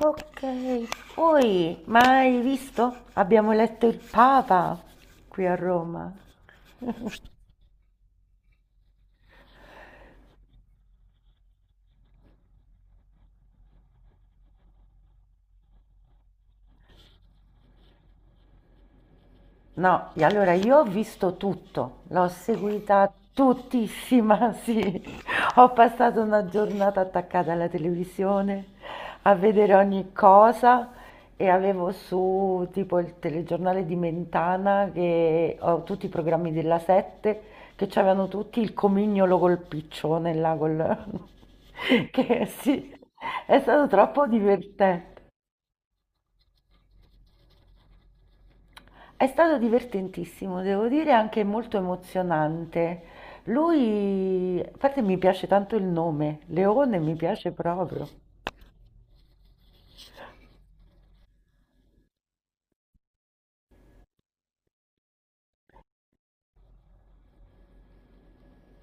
Ok, poi, mai visto? Abbiamo eletto il Papa qui a Roma. No, e allora io ho visto tutto, l'ho seguita tuttissima, sì. Ho passato una giornata attaccata alla televisione a vedere ogni cosa e avevo su tipo il telegiornale di Mentana che ho tutti i programmi della Sette che c'avevano tutti il comignolo col piccione là col che sì, è stato troppo divertente. È stato divertentissimo, devo dire anche molto emozionante. Lui, a parte mi piace tanto il nome, Leone mi piace proprio.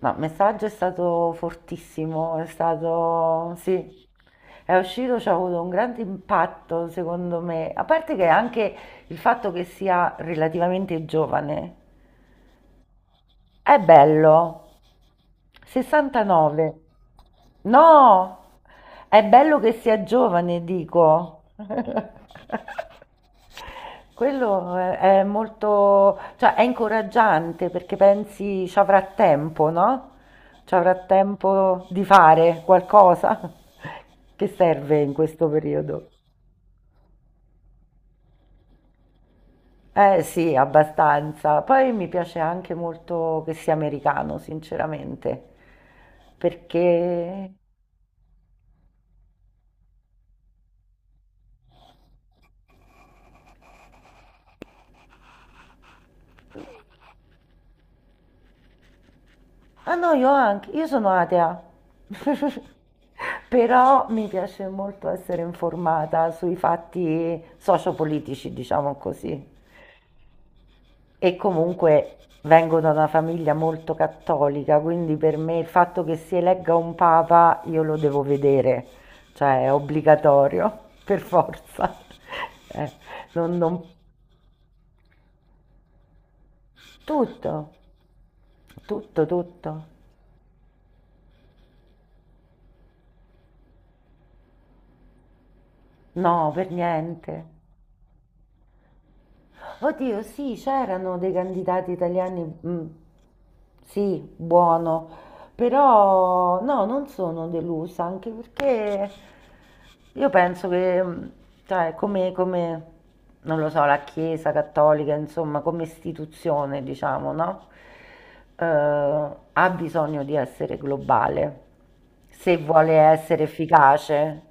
No, il messaggio è stato fortissimo, è stato, sì, è uscito, ci ha avuto un grande impatto secondo me, a parte che anche il fatto che sia relativamente giovane. È bello. 69. No, è bello che sia giovane, dico. Quello è molto, cioè è incoraggiante perché pensi ci avrà tempo, no? Ci avrà tempo di fare qualcosa che serve in questo periodo. Eh sì, abbastanza. Poi mi piace anche molto che sia americano, sinceramente, perché ah no, io anche, io sono atea, però mi piace molto essere informata sui fatti sociopolitici, diciamo così. E comunque vengo da una famiglia molto cattolica, quindi per me il fatto che si elegga un papa io lo devo vedere, cioè è obbligatorio, per forza. Eh, non, non- Tutto, tutto, tutto. No, per niente. Oddio, sì, c'erano dei candidati italiani, sì, buono, però no, non sono delusa, anche perché io penso che, cioè, come, non lo so, la Chiesa cattolica, insomma, come istituzione, diciamo, no? Eh, Ha bisogno di essere globale, se vuole essere efficace,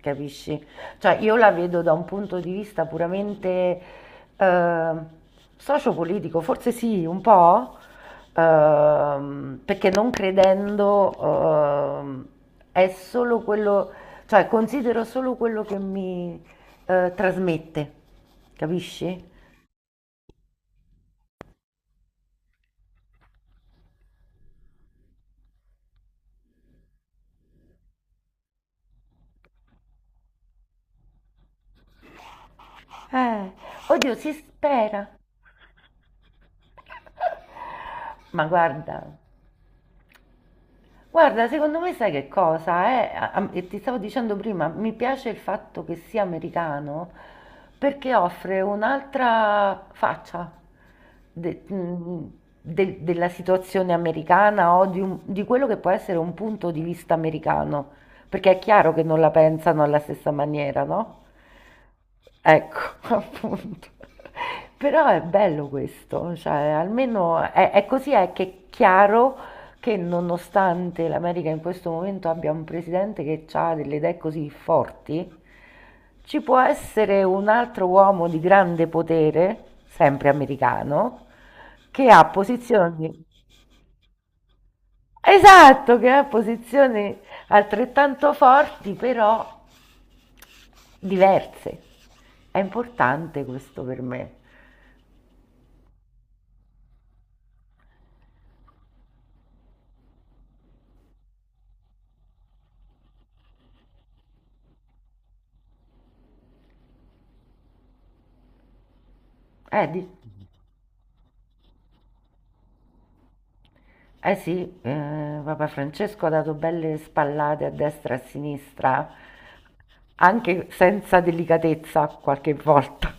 capisci? Cioè io la vedo da un punto di vista puramente eh, sociopolitico, forse sì, un po', perché non credendo ehm, è solo quello, cioè considero solo quello che mi trasmette, capisci? Eh, Oddio, si spera. Ma guarda, guarda, secondo me sai che cosa è? E ti stavo dicendo prima, mi piace il fatto che sia americano perché offre un'altra faccia de- mh, della situazione americana o di, di quello che può essere un punto di vista americano, perché è chiaro che non la pensano alla stessa maniera, no? Ecco, appunto. Però è bello questo, cioè almeno è così è che è chiaro che, nonostante l'America in questo momento abbia un presidente che ha delle idee così forti, ci può essere un altro uomo di grande potere, sempre americano, che ha posizioni, esatto, che ha posizioni altrettanto forti, però diverse. È importante questo per me. Eh, di- eh sì, Papa Francesco ha dato belle spallate a destra e a sinistra, anche senza delicatezza qualche volta.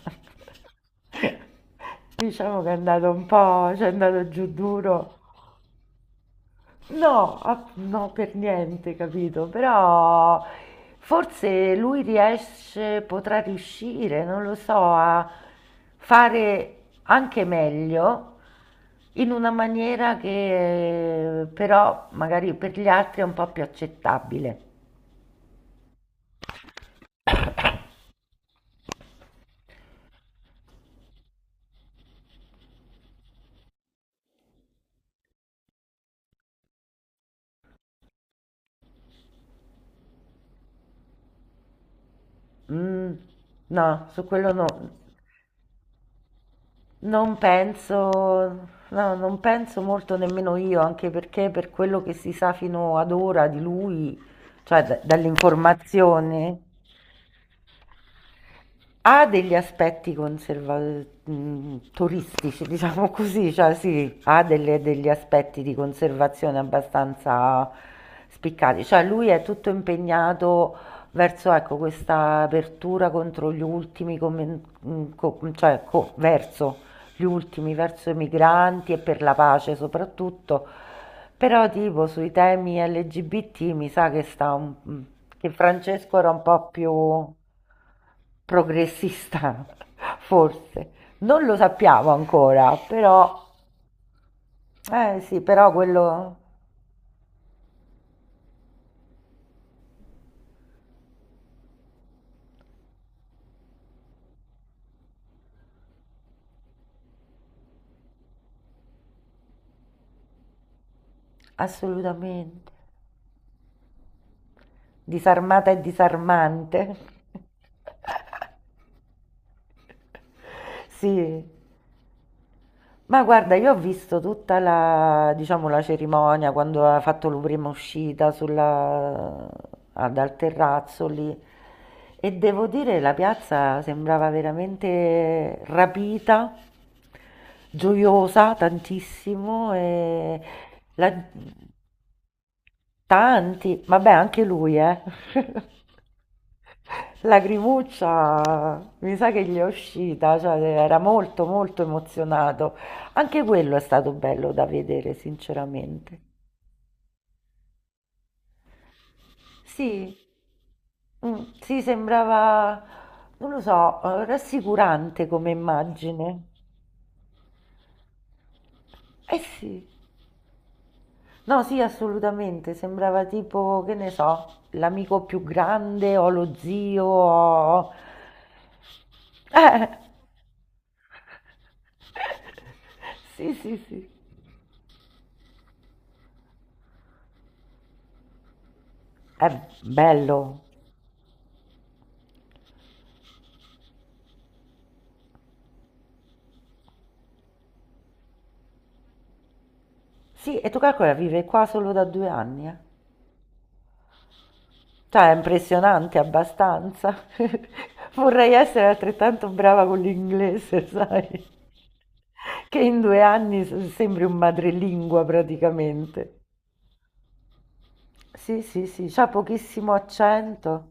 Diciamo che è andato un po', ci è andato giù duro. No, no, per niente, capito? Però forse lui riesce, potrà riuscire, non lo so, a fare anche meglio in una maniera che, però magari per gli altri è un po' più accettabile. Mm, no, su quello no. Non penso No, non penso molto nemmeno io, anche perché per quello che si sa fino ad ora di lui, cioè dall'informazione, ha degli aspetti conserva toristici, diciamo così, cioè sì, ha delle degli aspetti di conservazione abbastanza spiccati. Cioè lui è tutto impegnato verso, ecco, questa apertura contro gli ultimi, come mhmm, co mhmm, cioè co verso gli ultimi, verso i migranti e per la pace soprattutto, però tipo sui temi LGBT mi sa che sta che Francesco era un po' più progressista, forse. Non lo sappiamo ancora, però eh sì, però quello assolutamente disarmata e disarmante. Sì. Ma guarda, io ho visto tutta la, diciamo, la cerimonia quando ha fatto la prima uscita dal terrazzo lì, e devo dire la piazza sembrava veramente rapita, gioiosa tantissimo la- Tanti, vabbè anche lui, eh. Lagrimuccia, mi sa che gli è uscita, cioè era molto molto emozionato. Anche quello è stato bello da vedere, sinceramente. Sì, sì, sembrava, non lo so, rassicurante come immagine. Eh sì, no, sì, assolutamente, sembrava tipo, che ne so, l'amico più grande o lo zio o... Eh. Sì, sì, sì. È bello. Sì, e tu calcola, vive qua solo da 2 anni, eh. Cioè, è impressionante abbastanza. Vorrei essere altrettanto brava con l'inglese, sai? Che in 2 anni sembri un madrelingua praticamente. Sì, sì, sì, c'ha pochissimo accento.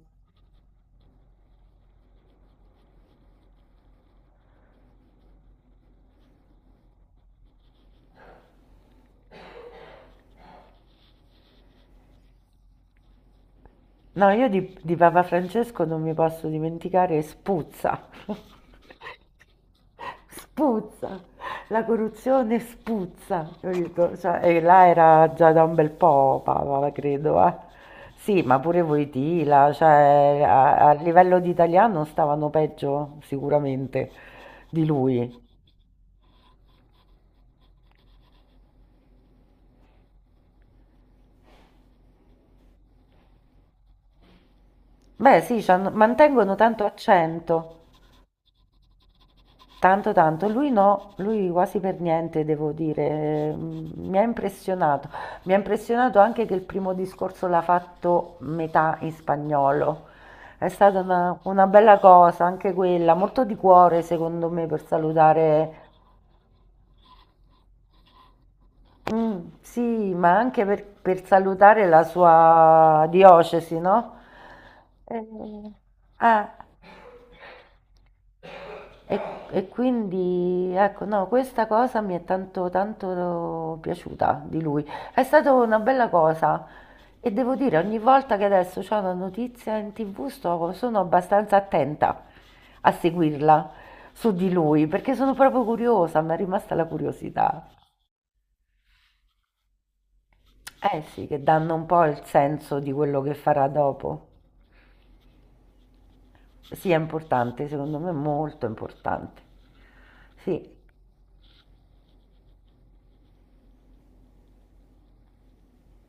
No, io di Papa Francesco non mi posso dimenticare, spuzza. Spuzza. La corruzione spuzza. Capito? Cioè, e là era già da un bel po', Papa, credo, eh. Sì, ma pure Voitila, cioè a livello di italiano stavano peggio sicuramente di lui. Beh, sì, mantengono tanto accento. Tanto, tanto, lui no, lui quasi per niente, devo dire, mi ha impressionato. Mi ha impressionato anche che il primo discorso l'ha fatto metà in spagnolo. È stata una bella cosa, anche quella, molto di cuore secondo me per salutare, sì, ma anche per salutare la sua diocesi, no? Eh, ah, E, e quindi ecco, no, questa cosa mi è tanto tanto piaciuta di lui. È stata una bella cosa e devo dire, ogni volta che adesso c'è una notizia in TV sono abbastanza attenta a seguirla su di lui perché sono proprio curiosa, mi è rimasta la curiosità. Eh sì, che danno un po' il senso di quello che farà dopo. Sì, è importante, secondo me è molto importante. Sì.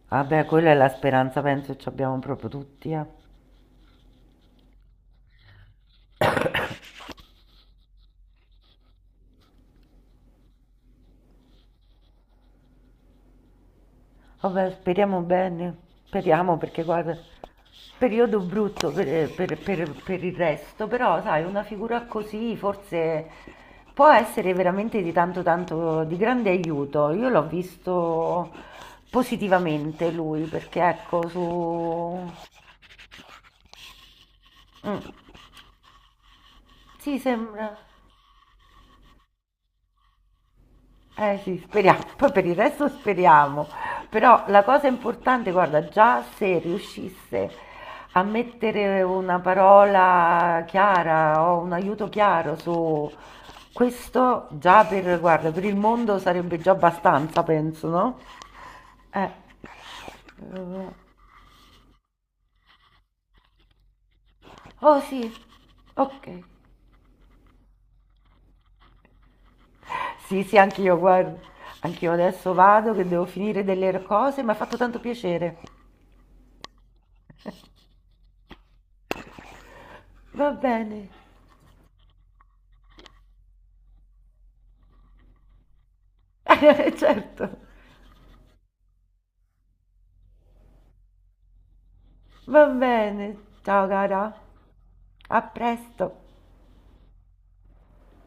Vabbè, quella è la speranza, penso, ce abbiamo proprio tutti, eh. Vabbè, speriamo bene, speriamo perché guarda, periodo brutto per il resto, però sai, una figura così forse può essere veramente di tanto tanto di grande aiuto. Io l'ho visto positivamente lui, perché ecco, su... Mm, sì, sembra... Eh sì, speriamo, poi per il resto speriamo, però la cosa importante, guarda, già se riuscisse a mettere una parola chiara o un aiuto chiaro su questo, già per, guarda, per il mondo sarebbe già abbastanza, penso, no? Eh, eh, oh sì, ok. Sì, sì, anch'io, guarda, anch'io adesso vado che devo finire delle cose, mi ha fatto tanto piacere. Va bene, certo. Va bene, ciao cara, a presto.